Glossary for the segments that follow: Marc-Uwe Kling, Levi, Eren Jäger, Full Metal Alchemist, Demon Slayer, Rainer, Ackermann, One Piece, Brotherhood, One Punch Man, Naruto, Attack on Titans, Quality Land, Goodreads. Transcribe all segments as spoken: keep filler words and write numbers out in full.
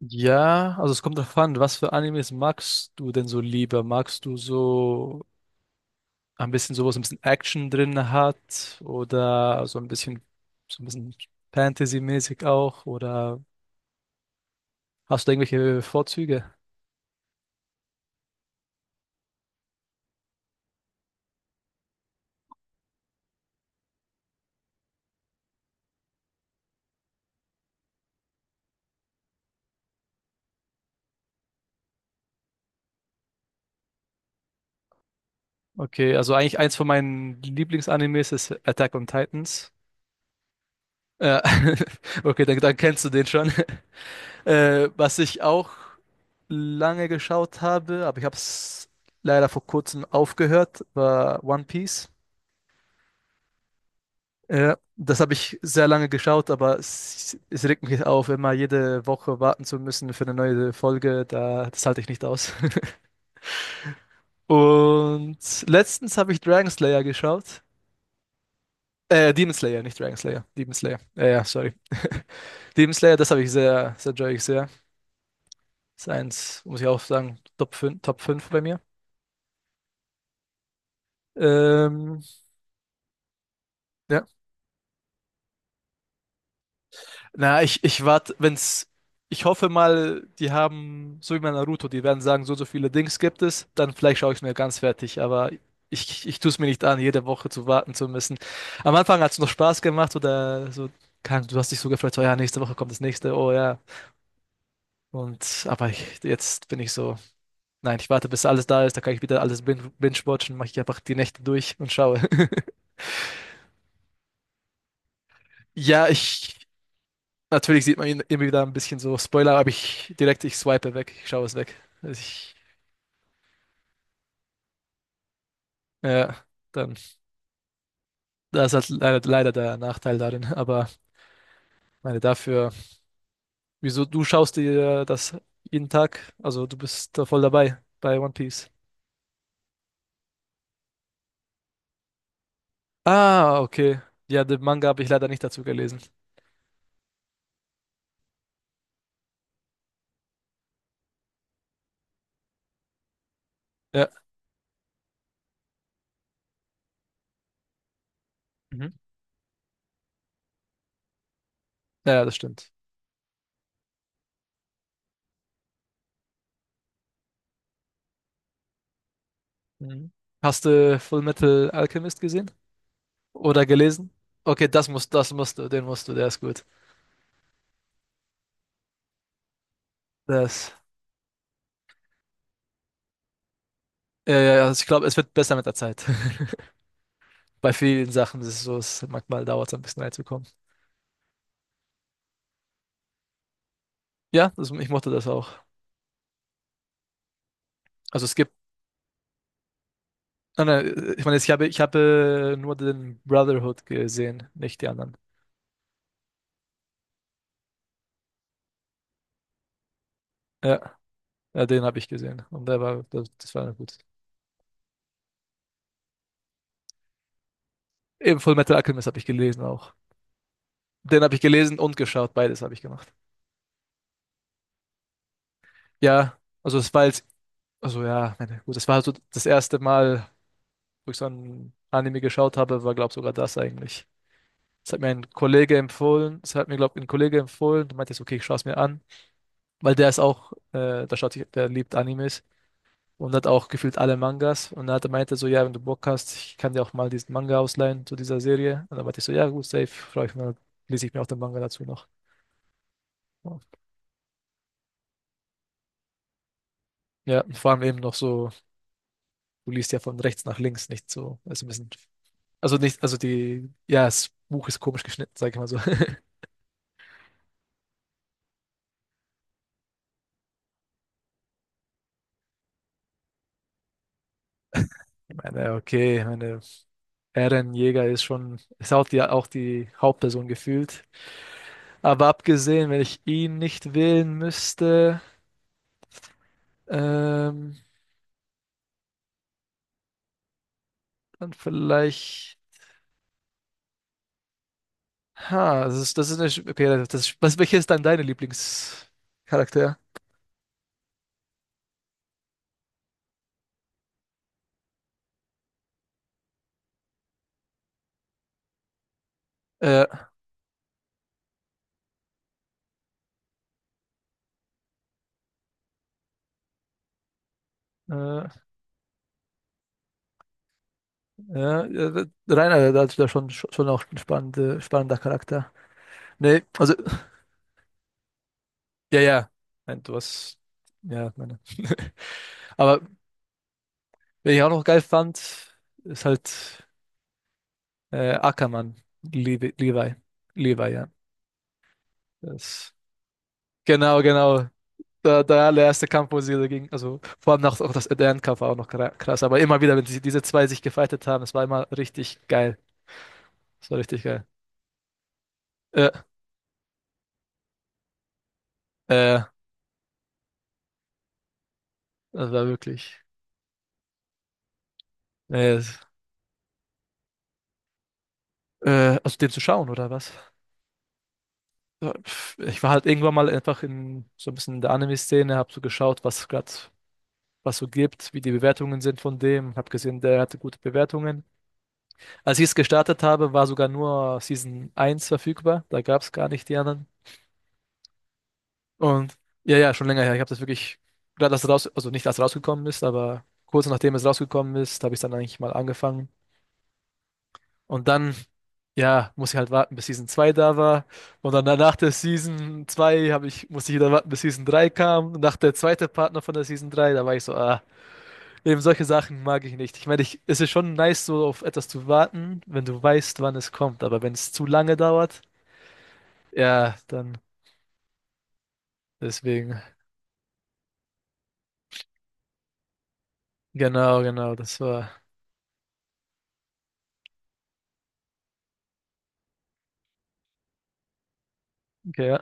Ja, also es kommt darauf an, was für Animes magst du denn so lieber? Magst du so ein bisschen sowas, ein bisschen Action drin hat oder so ein bisschen so ein bisschen Fantasy-mäßig auch oder hast du irgendwelche Vorzüge? Okay, also eigentlich eins von meinen Lieblingsanimes ist Attack on Titans. Äh, okay, dann, dann kennst du den schon. Äh, was ich auch lange geschaut habe, aber ich habe es leider vor kurzem aufgehört, war One Piece. Ja, das habe ich sehr lange geschaut, aber es, es regt mich auf, immer jede Woche warten zu müssen für eine neue Folge. Da, das halte ich nicht aus. Und letztens habe ich Dragon Slayer geschaut. Äh, Demon Slayer, nicht Dragon Slayer. Demon Slayer. Ja, ja, sorry. Demon Slayer, das habe ich sehr, sehr enjoy ich sehr. Ist eins, muss ich auch sagen, Top fünf, Top fünf bei mir. Ähm, ja. Na, ich, ich warte, wenn's, ich hoffe mal, die haben, so wie bei Naruto, die werden sagen, so, so viele Dings gibt es, dann vielleicht schaue ich es mir ganz fertig, aber ich, ich tue es mir nicht an, jede Woche zu warten zu müssen. Am Anfang hat es noch Spaß gemacht oder so, kann, du hast dich so gefreut, so, ja, nächste Woche kommt das nächste, oh ja. Und, aber ich, jetzt bin ich so, nein, ich warte, bis alles da ist, da kann ich wieder alles bin- binge-watchen, mache ich einfach die Nächte durch und schaue. Ja, ich. Natürlich sieht man ihn immer wieder ein bisschen so. Spoiler, aber ich direkt, ich swipe weg, ich schaue es weg. Also ich, ja, dann, da ist halt leider, leider der Nachteil darin. Aber meine dafür, wieso du schaust dir das jeden Tag? Also du bist da voll dabei bei One Piece. Ah, okay. Ja, den Manga habe ich leider nicht dazu gelesen. Ja. Mhm. Ja, das stimmt. Mhm. Hast du Full Metal Alchemist gesehen? Oder gelesen? Okay, das musst, das musst du, den musst du, der ist gut. Das, ja, ja, ja, also ich glaube, es wird besser mit der Zeit. Bei vielen Sachen ist es so, es manchmal dauert es ein bisschen reinzukommen. Ja, das, ich mochte das auch. Also es gibt, nein, nein, ich meine, ich habe, ich habe nur den Brotherhood gesehen, nicht die anderen. Ja, ja, den habe ich gesehen und der war, das, das war gut. Eben Full Metal Alchemist habe ich gelesen auch. Den habe ich gelesen und geschaut, beides habe ich gemacht. Ja, also es war jetzt, also ja, meine, gut, das war so das erste Mal, wo ich so ein Anime geschaut habe, war glaube sogar das eigentlich. Das hat mir ein Kollege empfohlen, das hat mir glaube ein Kollege empfohlen, der meinte, so, okay, ich schaue es mir an. Weil der ist auch, äh, der schaut, sich- der liebt Animes und hat auch gefühlt alle Mangas. Und dann hat er meinte so, ja, wenn du Bock hast, ich kann dir auch mal diesen Manga ausleihen zu dieser Serie. Und dann meinte ich so, ja, gut, safe, freue ich mich, dann lese ich mir auch den Manga dazu noch. Ja, und vor allem eben noch so, du liest ja von rechts nach links, nicht so, also ein bisschen, also nicht, also die, ja, das Buch ist komisch geschnitten, sag ich mal so. Ich meine, okay, ich meine, Eren Jäger ist schon, ist auch die, auch die Hauptperson gefühlt. Aber abgesehen, wenn ich ihn nicht wählen müsste. Ähm, dann vielleicht. Ha, das ist, das ist eine. Sch- Okay, das, ist- was, welcher ist dann deine Lieblingscharakter? Äh, äh, ja, äh, Rainer, da ist schon, schon auch ein spannende, spannender Charakter. Nee, also, ja, ja. Nein, du hast. Ja, meine. Aber wen ich auch noch geil fand, ist halt äh, Ackermann. Levi. Levi, Levi, ja. Das, genau, genau. Der, der allererste Kampf, wo sie dagegen, also vor allem nach, auch das Eden-Kampf war auch noch kra- krass, aber immer wieder, wenn sie, diese zwei sich gefightet haben, es war immer richtig geil. Es war richtig geil. Äh, äh, Das war wirklich. Äh, es- äh, also den zu schauen, oder was? Ja, pf, ich war halt irgendwann mal einfach in so ein bisschen in der Anime-Szene, hab so geschaut, was gerade was so gibt, wie die Bewertungen sind von dem, hab gesehen, der hatte gute Bewertungen. Als ich es gestartet habe, war sogar nur Season eins verfügbar, da gab es gar nicht die anderen. Und ja, ja, schon länger her. Ich habe das wirklich, gerade als raus, also nicht als rausgekommen ist, aber kurz nachdem es rausgekommen ist, habe ich dann eigentlich mal angefangen. Und dann, ja, muss ich halt warten, bis Season zwei da war. Und dann nach der Season zwei habe ich, musste ich wieder warten, bis Season drei kam. Und nach der zweite Partner von der Season drei da war ich so, ah, eben solche Sachen mag ich nicht. Ich meine, ich, es ist schon nice, so auf etwas zu warten, wenn du weißt, wann es kommt. Aber wenn es zu lange dauert, ja, dann deswegen. Genau, genau, das war, okay, ja.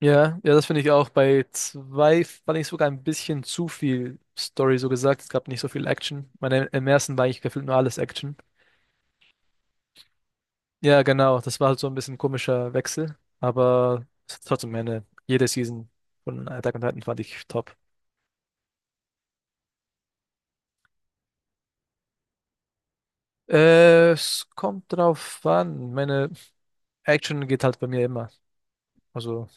Ja, ja, das finde ich auch. Bei zwei fand ich sogar ein bisschen zu viel Story, so gesagt. Es gab nicht so viel Action. Meine, im ersten war eigentlich gefühlt nur alles Action. Ja, genau. Das war halt so ein bisschen komischer Wechsel. Aber es hat trotzdem meine, jede Season von Attack on Titan fand ich top. Äh, es kommt drauf an. Meine Action geht halt bei mir immer. Also,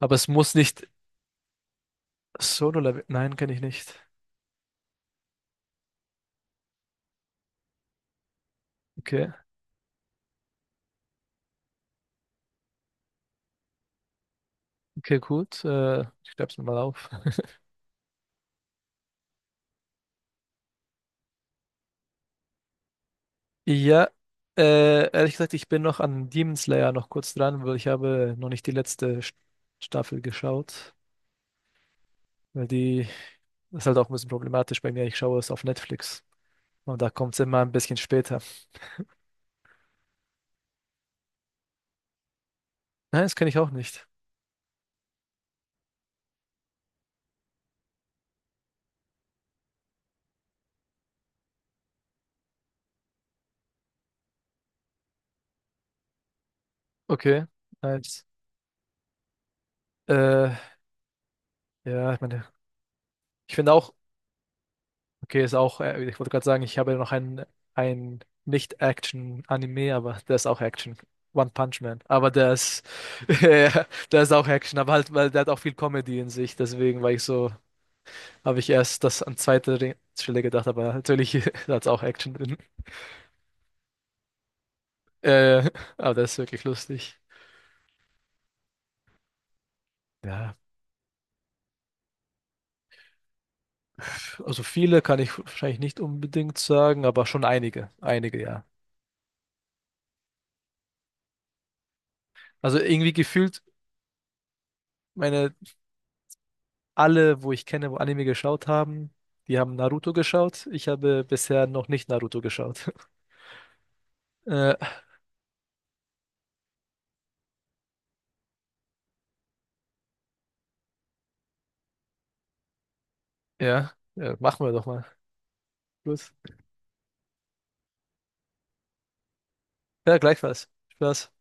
aber es muss nicht Solo-Level. Nein, kenne ich nicht. Okay, okay, gut. Äh, ich schreib's mir mal auf. Ja, äh, ehrlich gesagt, ich bin noch an Demon Slayer noch kurz dran, weil ich habe noch nicht die letzte St- Staffel geschaut, weil die das ist halt auch ein bisschen problematisch bei mir. Ich schaue es auf Netflix und da kommt es immer ein bisschen später. Nein, das kenne ich auch nicht. Okay, nice. Äh, ja, ich meine, ich finde auch okay, ist auch, äh, ich wollte gerade sagen, ich habe ja noch ein, ein Nicht-Action-Anime, aber der ist auch Action. One Punch Man. Aber der ist, ja, der ist auch Action, aber halt, weil der hat auch viel Comedy in sich. Deswegen war ich so, habe ich erst das an zweite Re- Stelle gedacht, aber natürlich hat es auch Action drin. Äh, aber der ist wirklich lustig. Ja, pf, also viele kann ich wahrscheinlich nicht unbedingt sagen, aber schon einige. Einige, ja. Also irgendwie gefühlt, meine alle, wo ich kenne, wo Anime geschaut haben, die haben Naruto geschaut. Ich habe bisher noch nicht Naruto geschaut. Äh, ja, ja, machen wir doch mal. Gut. Ja, gleichfalls. Spaß.